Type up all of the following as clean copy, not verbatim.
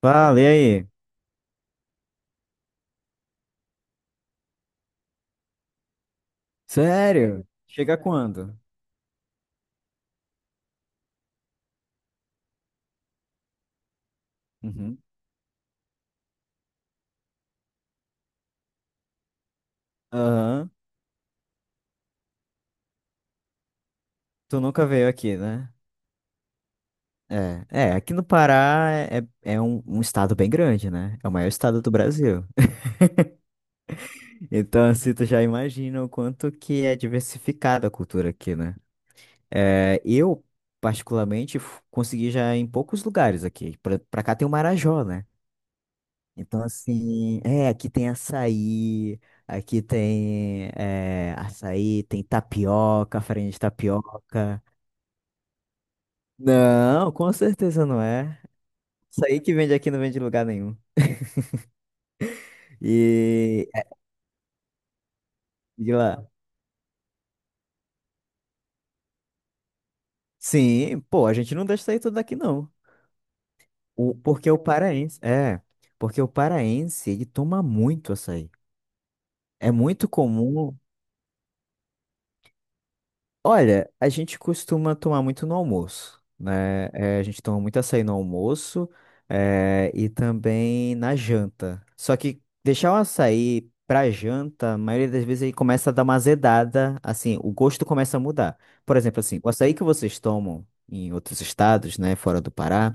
Fala, e aí? Sério? Chega quando? Uhum. Aham. Tu nunca veio aqui, né? Aqui no Pará é um, um estado bem grande, né? É o maior estado do Brasil. Então, assim, tu já imagina o quanto que é diversificada a cultura aqui, né? É, eu, particularmente, consegui já em poucos lugares aqui. Pra cá tem o Marajó, né? Então, assim, aqui tem açaí, aqui tem açaí, tem tapioca, farinha de tapioca. Não, com certeza não é. Açaí que vende aqui não vende em lugar nenhum. E, é, de lá. Sim, pô, a gente não deixa sair tudo daqui, não. O, porque o paraense, é, porque o paraense, ele toma muito açaí. É muito comum. Olha, a gente costuma tomar muito no almoço, né? A gente toma muito açaí no almoço, e também na janta. Só que deixar o açaí pra janta, a maioria das vezes ele começa a dar uma azedada, assim, o gosto começa a mudar. Por exemplo, assim, o açaí que vocês tomam em outros estados, né, fora do Pará,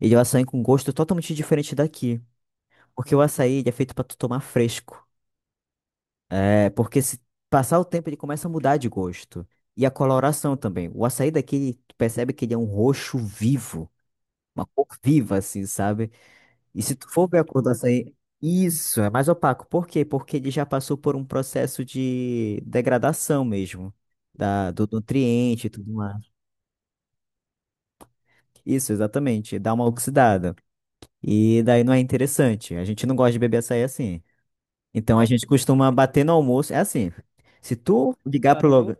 ele é um açaí com gosto totalmente diferente daqui. Porque o açaí ele é feito pra tu tomar fresco. É porque se passar o tempo ele começa a mudar de gosto. E a coloração também. O açaí daqui, tu percebe que ele é um roxo vivo. Uma cor viva, assim, sabe? E se tu for ver a cor do açaí, isso, é mais opaco. Por quê? Porque ele já passou por um processo de degradação mesmo. Do nutriente e tudo mais. Isso, exatamente. Dá uma oxidada. E daí não é interessante. A gente não gosta de beber açaí assim. Então a gente costuma bater no almoço. É assim. Se tu ligar pro lugar.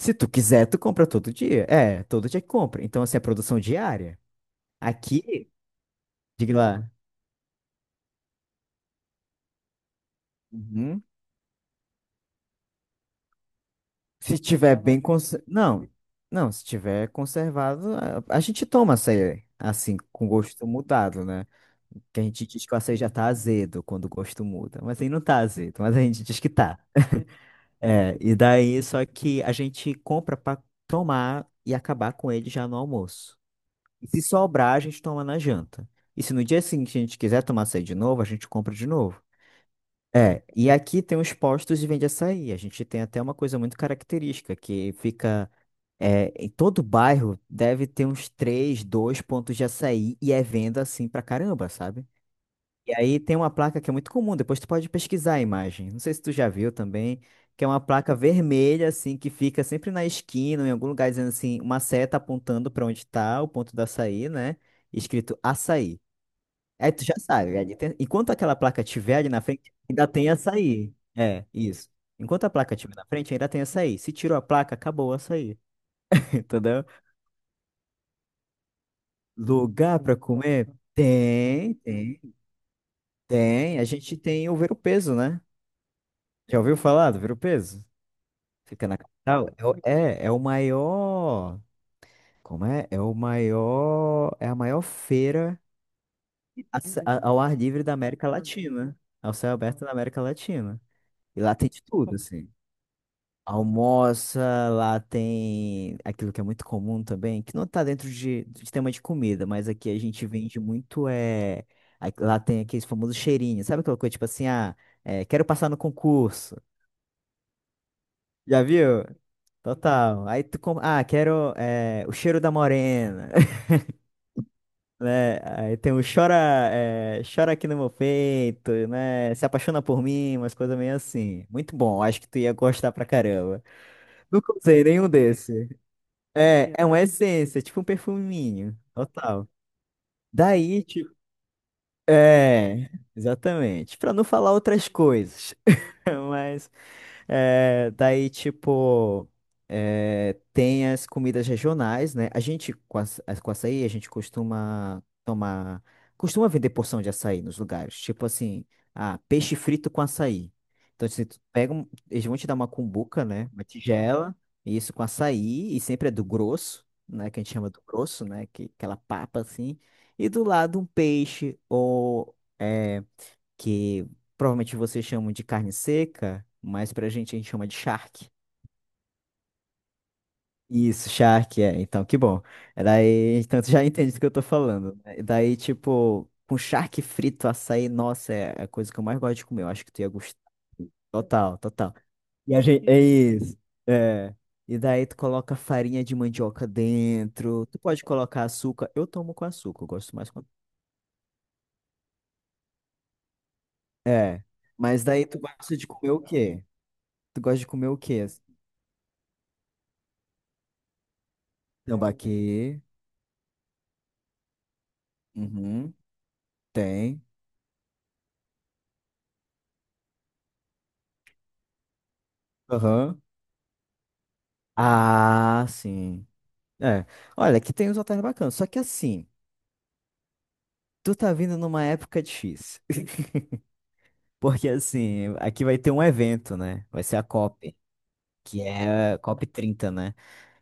Se tu quiser, tu compra todo dia. É, todo dia que compra. Então, assim, é produção diária. Aqui, diga lá. Uhum. Se tiver bem cons... Não, não, se tiver conservado, a gente toma açaí, assim, com gosto mudado, né? Que a gente diz que o açaí já tá azedo quando o gosto muda. Mas aí não tá azedo, mas a gente diz que tá. É, e daí, só que a gente compra pra tomar e acabar com ele já no almoço. E se sobrar, a gente toma na janta. E se no dia seguinte a gente quiser tomar açaí de novo, a gente compra de novo. É, e aqui tem os postos de vende açaí. A gente tem até uma coisa muito característica, que fica. Em todo bairro deve ter uns três, dois pontos de açaí e é venda assim pra caramba, sabe? E aí tem uma placa que é muito comum, depois tu pode pesquisar a imagem. Não sei se tu já viu também, que é uma placa vermelha, assim, que fica sempre na esquina, em algum lugar, dizendo assim, uma seta apontando pra onde tá o ponto do açaí, né? Escrito açaí. Aí tu já sabe, enquanto aquela placa tiver ali na frente, ainda tem açaí. É, isso. Enquanto a placa tiver na frente, ainda tem açaí. Se tirou a placa, acabou o açaí. Entendeu? Lugar pra comer? Tem, tem, tem. A gente tem o ver o peso, né? Já ouviu falar do Viro-Peso? Fica na capital. É, o- é é o maior. Como é? É o maior. É a maior feira a ce- a- ao ar livre da América Latina. Ao céu aberto da América Latina. E lá tem de tudo, assim. Almoça, lá tem aquilo que é muito comum também, que não tá dentro de tema de comida, mas aqui a gente vende muito. Lá tem aqueles famosos cheirinhos. Sabe aquela coisa tipo assim, ah, quero passar no concurso. Já viu? Total. Ah, quero o cheiro da morena, né? Aí tem o chora, chora aqui no meu peito, né? Se apaixona por mim, umas coisas meio assim. Muito bom, acho que tu ia gostar pra caramba. Nunca usei nenhum desse. É uma essência, tipo um perfuminho. Total. Daí, tipo. É, exatamente. Pra não falar outras coisas. Mas. É, daí, tipo, tem as comidas regionais, né? A gente, com, aç- com açaí, a gente costuma tomar. Costuma vender porção de açaí nos lugares. Tipo assim, ah, peixe frito com açaí. Então, se tu pega, eles vão te dar uma cumbuca, né? Uma tigela, e isso com açaí, e sempre é do grosso, né? Que a gente chama do grosso, né? Que, aquela papa assim. E do lado um peixe ou. É, que provavelmente vocês chamam de carne seca, mas pra gente a gente chama de charque. Isso, charque, é. Então, que bom. É daí, então tu já entende do que eu tô falando, né? Daí, tipo, com charque frito, açaí, nossa, é a coisa que eu mais gosto de comer. Eu acho que tu ia gostar. Total, total. E a gente, é isso. É. E daí tu coloca farinha de mandioca dentro. Tu pode colocar açúcar. Eu tomo com açúcar, eu gosto mais com. É. Mas daí tu gosta de comer o quê? Tu gosta de comer o quê? Tambaqui. Uhum. Tem. Aham. Ah, sim. É. Olha, aqui tem uns hotéis bacanas. Só que assim, tu tá vindo numa época difícil. Porque assim, aqui vai ter um evento, né? Vai ser a COP, que é a COP 30 né?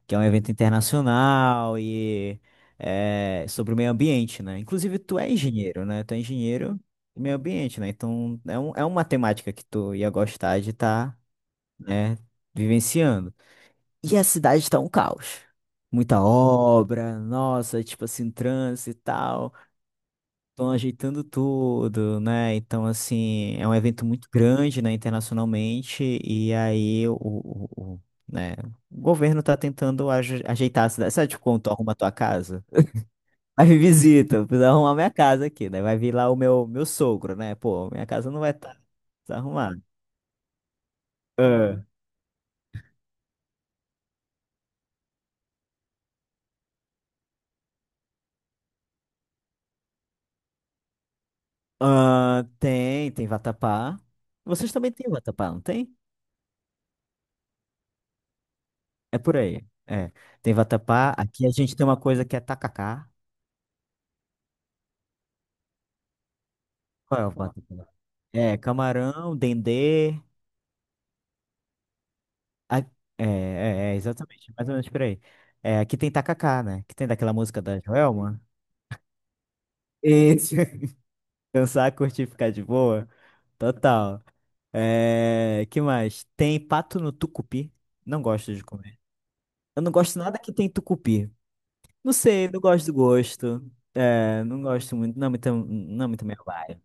Que é um evento internacional e é sobre o meio ambiente, né? Inclusive, tu é engenheiro, né? Tu é engenheiro do meio ambiente, né? Então, é uma temática que tu ia gostar de estar, né, vivenciando. E a cidade tá um caos. Muita obra, nossa, tipo assim, trânsito e tal. Estão ajeitando tudo, né? Então, assim, é um evento muito grande, né, internacionalmente. E aí, o, né, o governo tá tentando ajeitar a cidade. Sabe, tipo, quando tu arruma a tua casa? Aí me visita, eu preciso arrumar minha casa aqui, né? Vai vir lá o meu sogro, né? Pô, minha casa não vai estar desarrumada. É. Tem vatapá. Vocês também têm vatapá, não tem? É por aí. É. Tem vatapá. Aqui a gente tem uma coisa que é tacacá. Qual é o vatapá? É, camarão, dendê. A- exatamente. Mais ou menos por aí. É, aqui tem tacacá, né? Que tem daquela música da Joelma. Isso. Dançar, curtir, ficar de boa. Total. É, que mais? Tem pato no tucupi. Não gosto de comer. Eu não gosto nada que tem tucupi. Não sei, não gosto do gosto. É, não gosto muito. Não é muito minha vibe.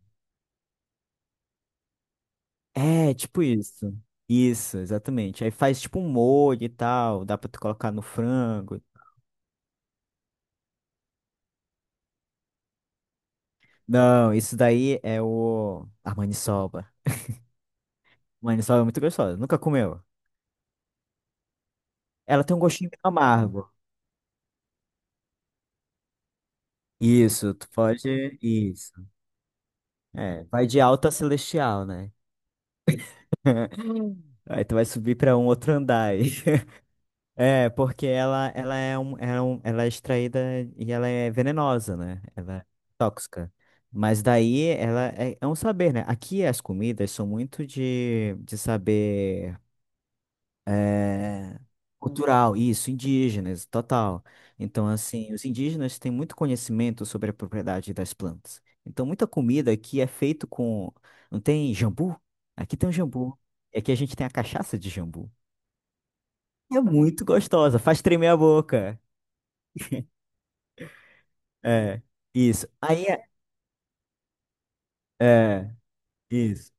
É, tipo isso. Isso, exatamente. Aí faz tipo um molho e tal, dá pra tu colocar no frango. Não, isso daí é o... A maniçoba. Maniçoba é muito gostosa, nunca comeu. Ela tem um gostinho meio amargo. Isso. É, vai de alto a celestial, né? Aí tu vai subir pra um outro andar aí. É, porque ela é um- ela é extraída e ela é venenosa, né? Ela é tóxica. Mas daí ela é um saber, né? Aqui as comidas são muito de saber é, cultural, isso, indígenas, total. Então, assim, os indígenas têm muito conhecimento sobre a propriedade das plantas. Então, muita comida aqui é feito com. Não tem jambu? Aqui tem um jambu. É que a gente tem a cachaça de jambu. É muito gostosa, faz tremer a boca. É, isso. Aí, é, é, isso.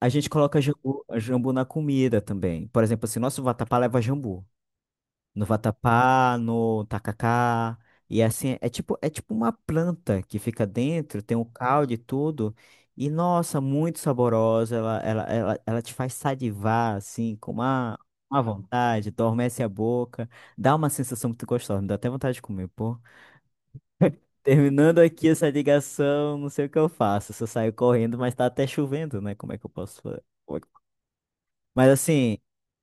A gente coloca jambu, jambu na comida também. Por exemplo, assim, nosso vatapá leva jambu. No vatapá, no tacacá. E assim, é tipo uma planta que fica dentro, tem um caldo e tudo. E nossa, muito saborosa. Ela te faz salivar, assim, com uma vontade, adormece a boca. Dá uma sensação muito gostosa, me dá até vontade de comer, terminando aqui essa ligação, não sei o que eu faço. Se eu saio correndo, mas tá até chovendo, né? Como é que eu posso. Fa- como é que- Mas assim,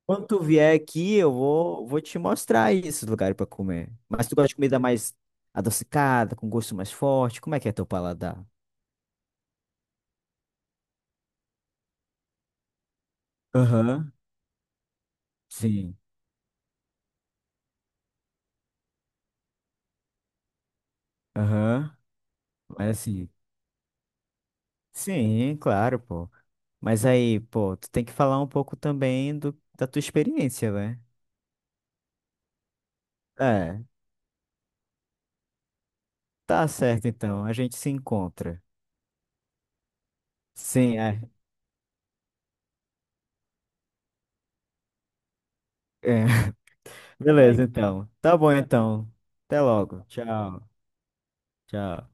quando tu vier aqui, vou te mostrar esses lugares pra comer. Mas tu gosta de comida mais adocicada, com gosto mais forte? Como é que é teu paladar? Aham, sim, aham. Mas assim, sim, claro, pô. Mas aí, pô, tu tem que falar um pouco também da tua experiência, né? É, tá certo então, a gente se encontra. Sim, é. É. Beleza, então. Tá bom, então. Até logo. Tchau. Tchau.